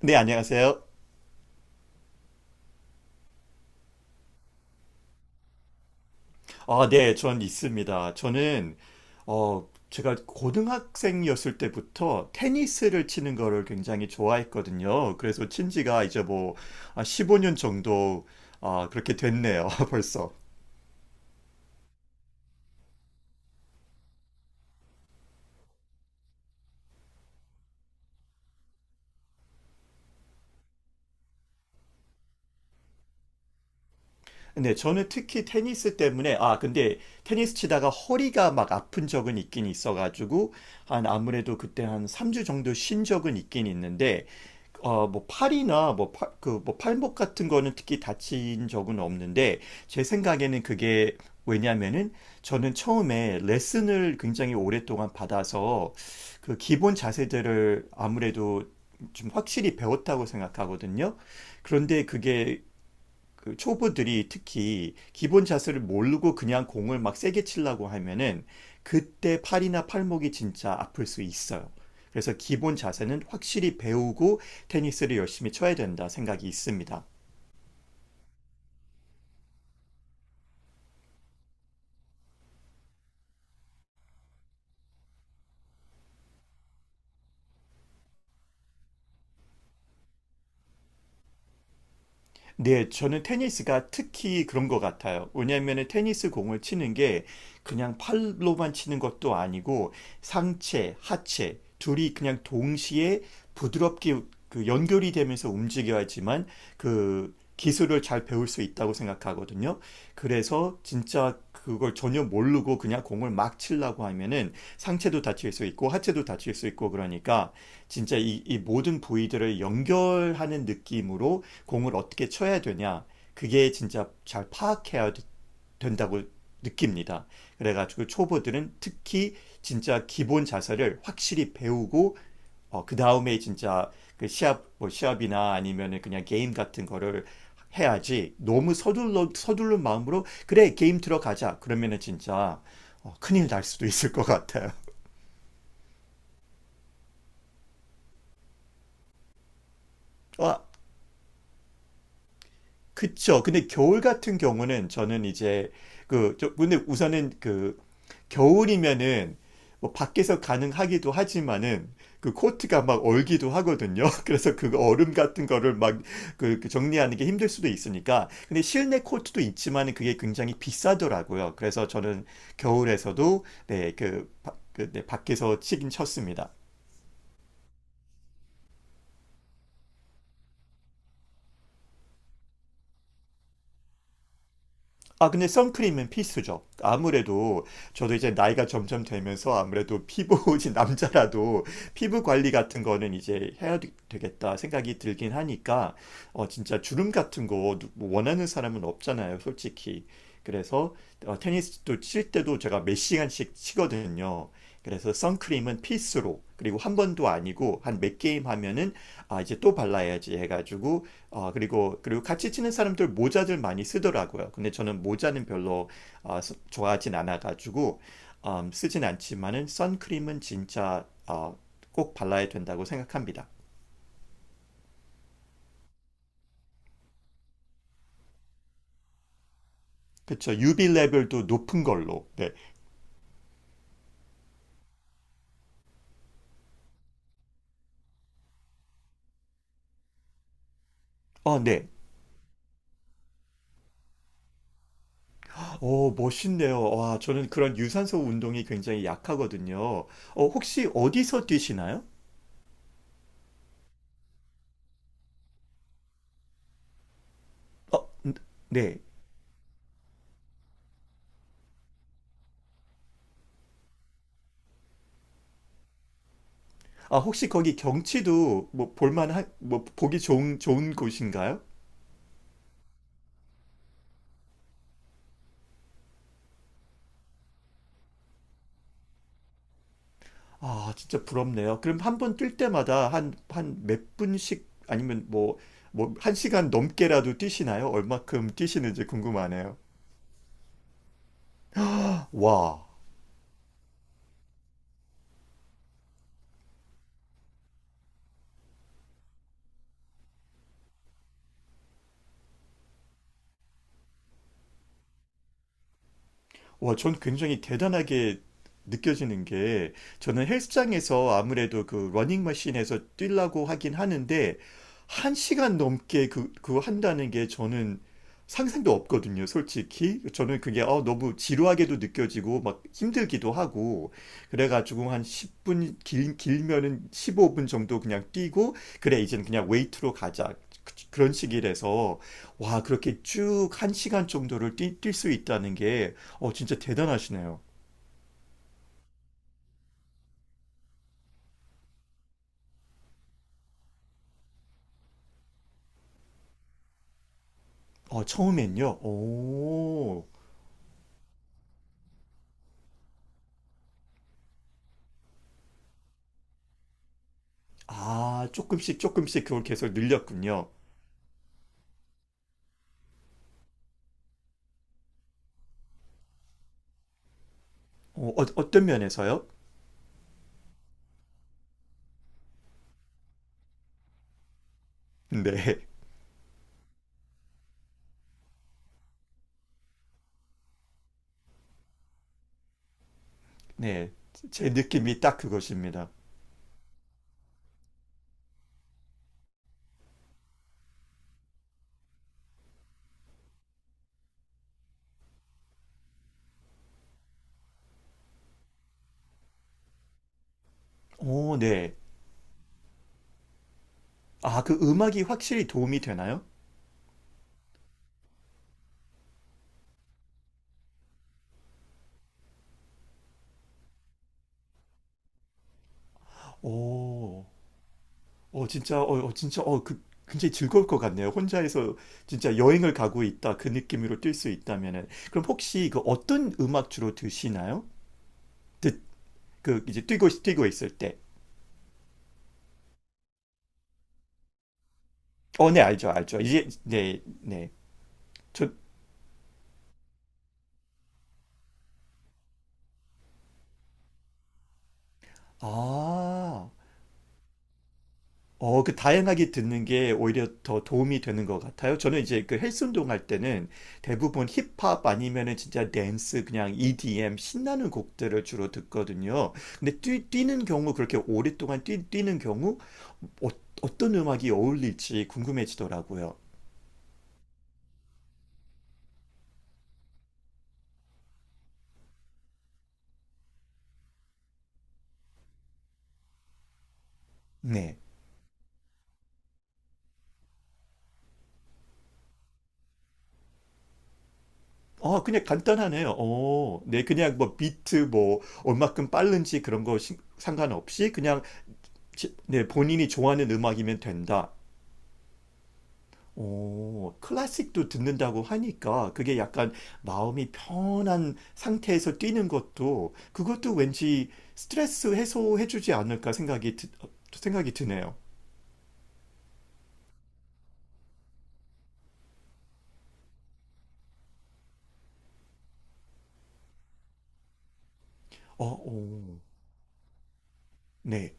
네, 안녕하세요. 네, 전 있습니다. 저는, 제가 고등학생이었을 때부터 테니스를 치는 거를 굉장히 좋아했거든요. 그래서 친 지가 이제 뭐, 15년 정도, 아, 그렇게 됐네요, 벌써. 네, 저는 특히 테니스 때문에, 아, 근데 테니스 치다가 허리가 막 아픈 적은 있긴 있어가지고, 한 아무래도 그때 한 3주 정도 쉰 적은 있긴 있는데, 뭐 팔이나 뭐 팔목 같은 거는 특히 다친 적은 없는데, 제 생각에는 그게 왜냐면은 저는 처음에 레슨을 굉장히 오랫동안 받아서 그 기본 자세들을 아무래도 좀 확실히 배웠다고 생각하거든요. 그런데 그게 그 초보들이 특히 기본 자세를 모르고 그냥 공을 막 세게 치려고 하면은 그때 팔이나 팔목이 진짜 아플 수 있어요. 그래서 기본 자세는 확실히 배우고 테니스를 열심히 쳐야 된다 생각이 있습니다. 네, 저는 테니스가 특히 그런 것 같아요. 왜냐하면 테니스 공을 치는 게 그냥 팔로만 치는 것도 아니고 상체, 하체 둘이 그냥 동시에 부드럽게 그 연결이 되면서 움직여야지만 그 기술을 잘 배울 수 있다고 생각하거든요. 그래서 진짜 그걸 전혀 모르고 그냥 공을 막 치려고 하면은 상체도 다칠 수 있고 하체도 다칠 수 있고 그러니까 진짜 이 모든 부위들을 연결하는 느낌으로 공을 어떻게 쳐야 되냐 그게 진짜 잘 파악해야 된다고 느낍니다. 그래가지고 초보들은 특히 진짜 기본 자세를 확실히 배우고 그 다음에 진짜 그 시합 시합이나 아니면은 그냥 게임 같은 거를 해야지 너무 서둘러 서둘른 마음으로 그래 게임 들어가자 그러면은 진짜 큰일 날 수도 있을 것 같아요. 아, 그쵸. 근데 겨울 같은 경우는 저는 이제 근데 우선은 그 겨울이면은 뭐 밖에서 가능하기도 하지만은 그 코트가 막 얼기도 하거든요. 그래서 그 얼음 같은 거를 막 그 정리하는 게 힘들 수도 있으니까. 근데 실내 코트도 있지만은 그게 굉장히 비싸더라고요. 그래서 저는 겨울에서도 네, 네, 밖에서 치긴 쳤습니다. 아, 근데 선크림은 필수죠. 아무래도 저도 이제 나이가 점점 되면서 아무래도 피부, 이 남자라도 피부 관리 같은 거는 이제 되겠다 생각이 들긴 하니까, 진짜 주름 같은 거 뭐 원하는 사람은 없잖아요, 솔직히. 그래서 테니스도 칠 때도 제가 몇 시간씩 치거든요. 그래서 선크림은 필수로, 그리고 한 번도 아니고 한 몇 게임 하면은 아, 이제 또 발라야지 해가지고 그리고 같이 치는 사람들 모자들 많이 쓰더라고요. 근데 저는 모자는 별로 좋아하진 않아가지고, 쓰진 않지만은 선크림은 진짜 어, 꼭 발라야 된다고 생각합니다. 그쵸. UV 레벨도 높은 걸로. 네. 어 네. 오, 멋있네요. 와, 저는 그런 유산소 운동이 굉장히 약하거든요. 혹시 어디서 뛰시나요? 어, 네. 아, 혹시 거기 경치도 뭐 보기 좋은, 좋은 곳인가요? 아, 진짜 부럽네요. 그럼 한 번 뛸 때마다 한 몇 분씩 아니면 한 시간 넘게라도 뛰시나요? 얼마큼 뛰시는지 궁금하네요. 와, 와, 전 굉장히 대단하게 느껴지는 게 저는 헬스장에서 아무래도 그 러닝머신에서 뛰려고 하긴 하는데 한 시간 넘게 그거 한다는 게 저는 상상도 없거든요, 솔직히. 저는 그게 너무 지루하게도 느껴지고 막 힘들기도 하고 그래가지고 한 10분 길면은 15분 정도 그냥 뛰고 그래 이제는 그냥 웨이트로 가자. 그런 시기라서 와 그렇게 쭉 한 시간 정도를 뛸 수 있다는 게 진짜 대단하시네요. 어, 처음엔요. 오, 아 조금씩 조금씩 그걸 계속 늘렸군요. 어떤 면에서요? 네, 네, 제 느낌이 딱 그것입니다. 오, 네. 아, 그 음악이 확실히 도움이 되나요? 오. 굉장히 즐거울 것 같네요. 혼자서 진짜 여행을 가고 있다. 그 느낌으로 뛸 수 있다면은. 그럼 혹시 그 어떤 음악 주로 드시나요? 듣, 이제 뛰고 있을 때. 어, 네, 알죠. 이제, 네. 저, 아, 그 다양하게 듣는 게 오히려 더 도움이 되는 것 같아요. 저는 이제 그 헬스 운동할 때는 대부분 힙합 아니면은 진짜 댄스 그냥 EDM 신나는 곡들을 주로 듣거든요. 근데 뛰, 는 경우 그렇게 오랫동안 뛰는 경우 어, 어떤 음악이 어울릴지 궁금해지더라고요. 네. 아, 그냥 간단하네요. 어, 네, 그냥 뭐 비트 뭐 얼마큼 빠른지 그런 거 상관없이 그냥 네, 본인이 좋아하는 음악이면 된다. 오, 클래식도 듣는다고 하니까 그게 약간 마음이 편한 상태에서 뛰는 것도 그것도 왠지 스트레스 해소해주지 않을까 생각이 드네요. 어, 오 네.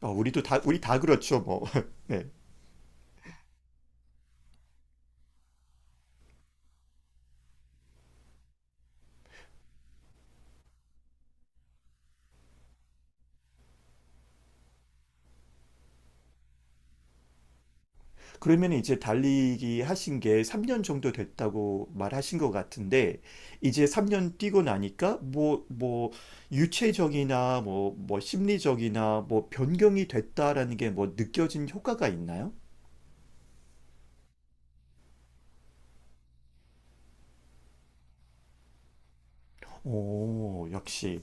어, 우리도 다 우리 다 그렇죠, 뭐. 네. 그러면 이제 달리기 하신 게 3년 정도 됐다고 말하신 것 같은데, 이제 3년 뛰고 나니까, 유체적이나, 심리적이나, 뭐, 변경이 됐다라는 게 뭐, 느껴진 효과가 있나요? 오, 역시.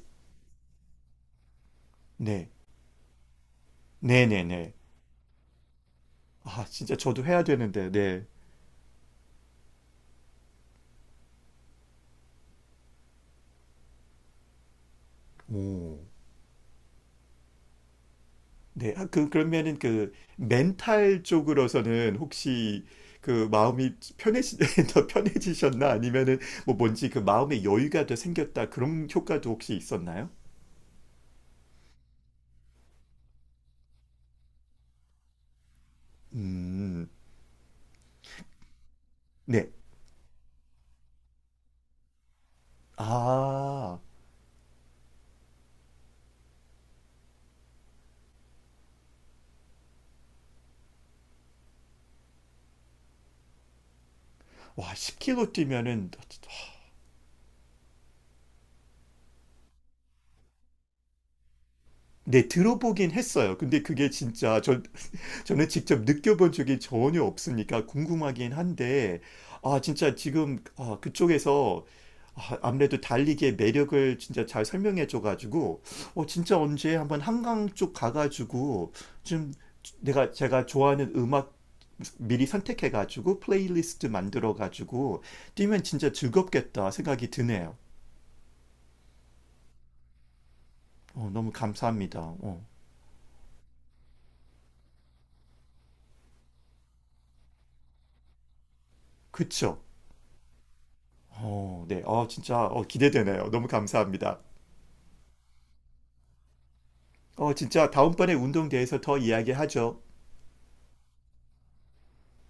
네. 네네네. 아, 진짜 저도 해야 되는데, 네. 오. 네, 그러면은 그 멘탈 쪽으로서는 혹시 그 마음이 편해지, 더 편해지셨나? 아니면은 뭐 뭔지 그 마음의 여유가 더 생겼다. 그런 효과도 혹시 있었나요? 음, 네. 아, 10km 뛰면은, 네, 들어보긴 했어요. 근데 그게 저는 직접 느껴본 적이 전혀 없으니까 궁금하긴 한데, 그쪽에서 아무래도 달리기의 매력을 진짜 잘 설명해 줘가지고, 진짜 언제 한번 한강 쪽 가가지고, 좀 내가 제가 좋아하는 음악 미리 선택해가지고, 플레이리스트 만들어가지고, 뛰면 진짜 즐겁겠다 생각이 드네요. 너무 감사합니다. 어, 그쵸? 어, 네. 기대되네요. 너무 감사합니다. 진짜 다음번에 운동대에서 더 이야기하죠.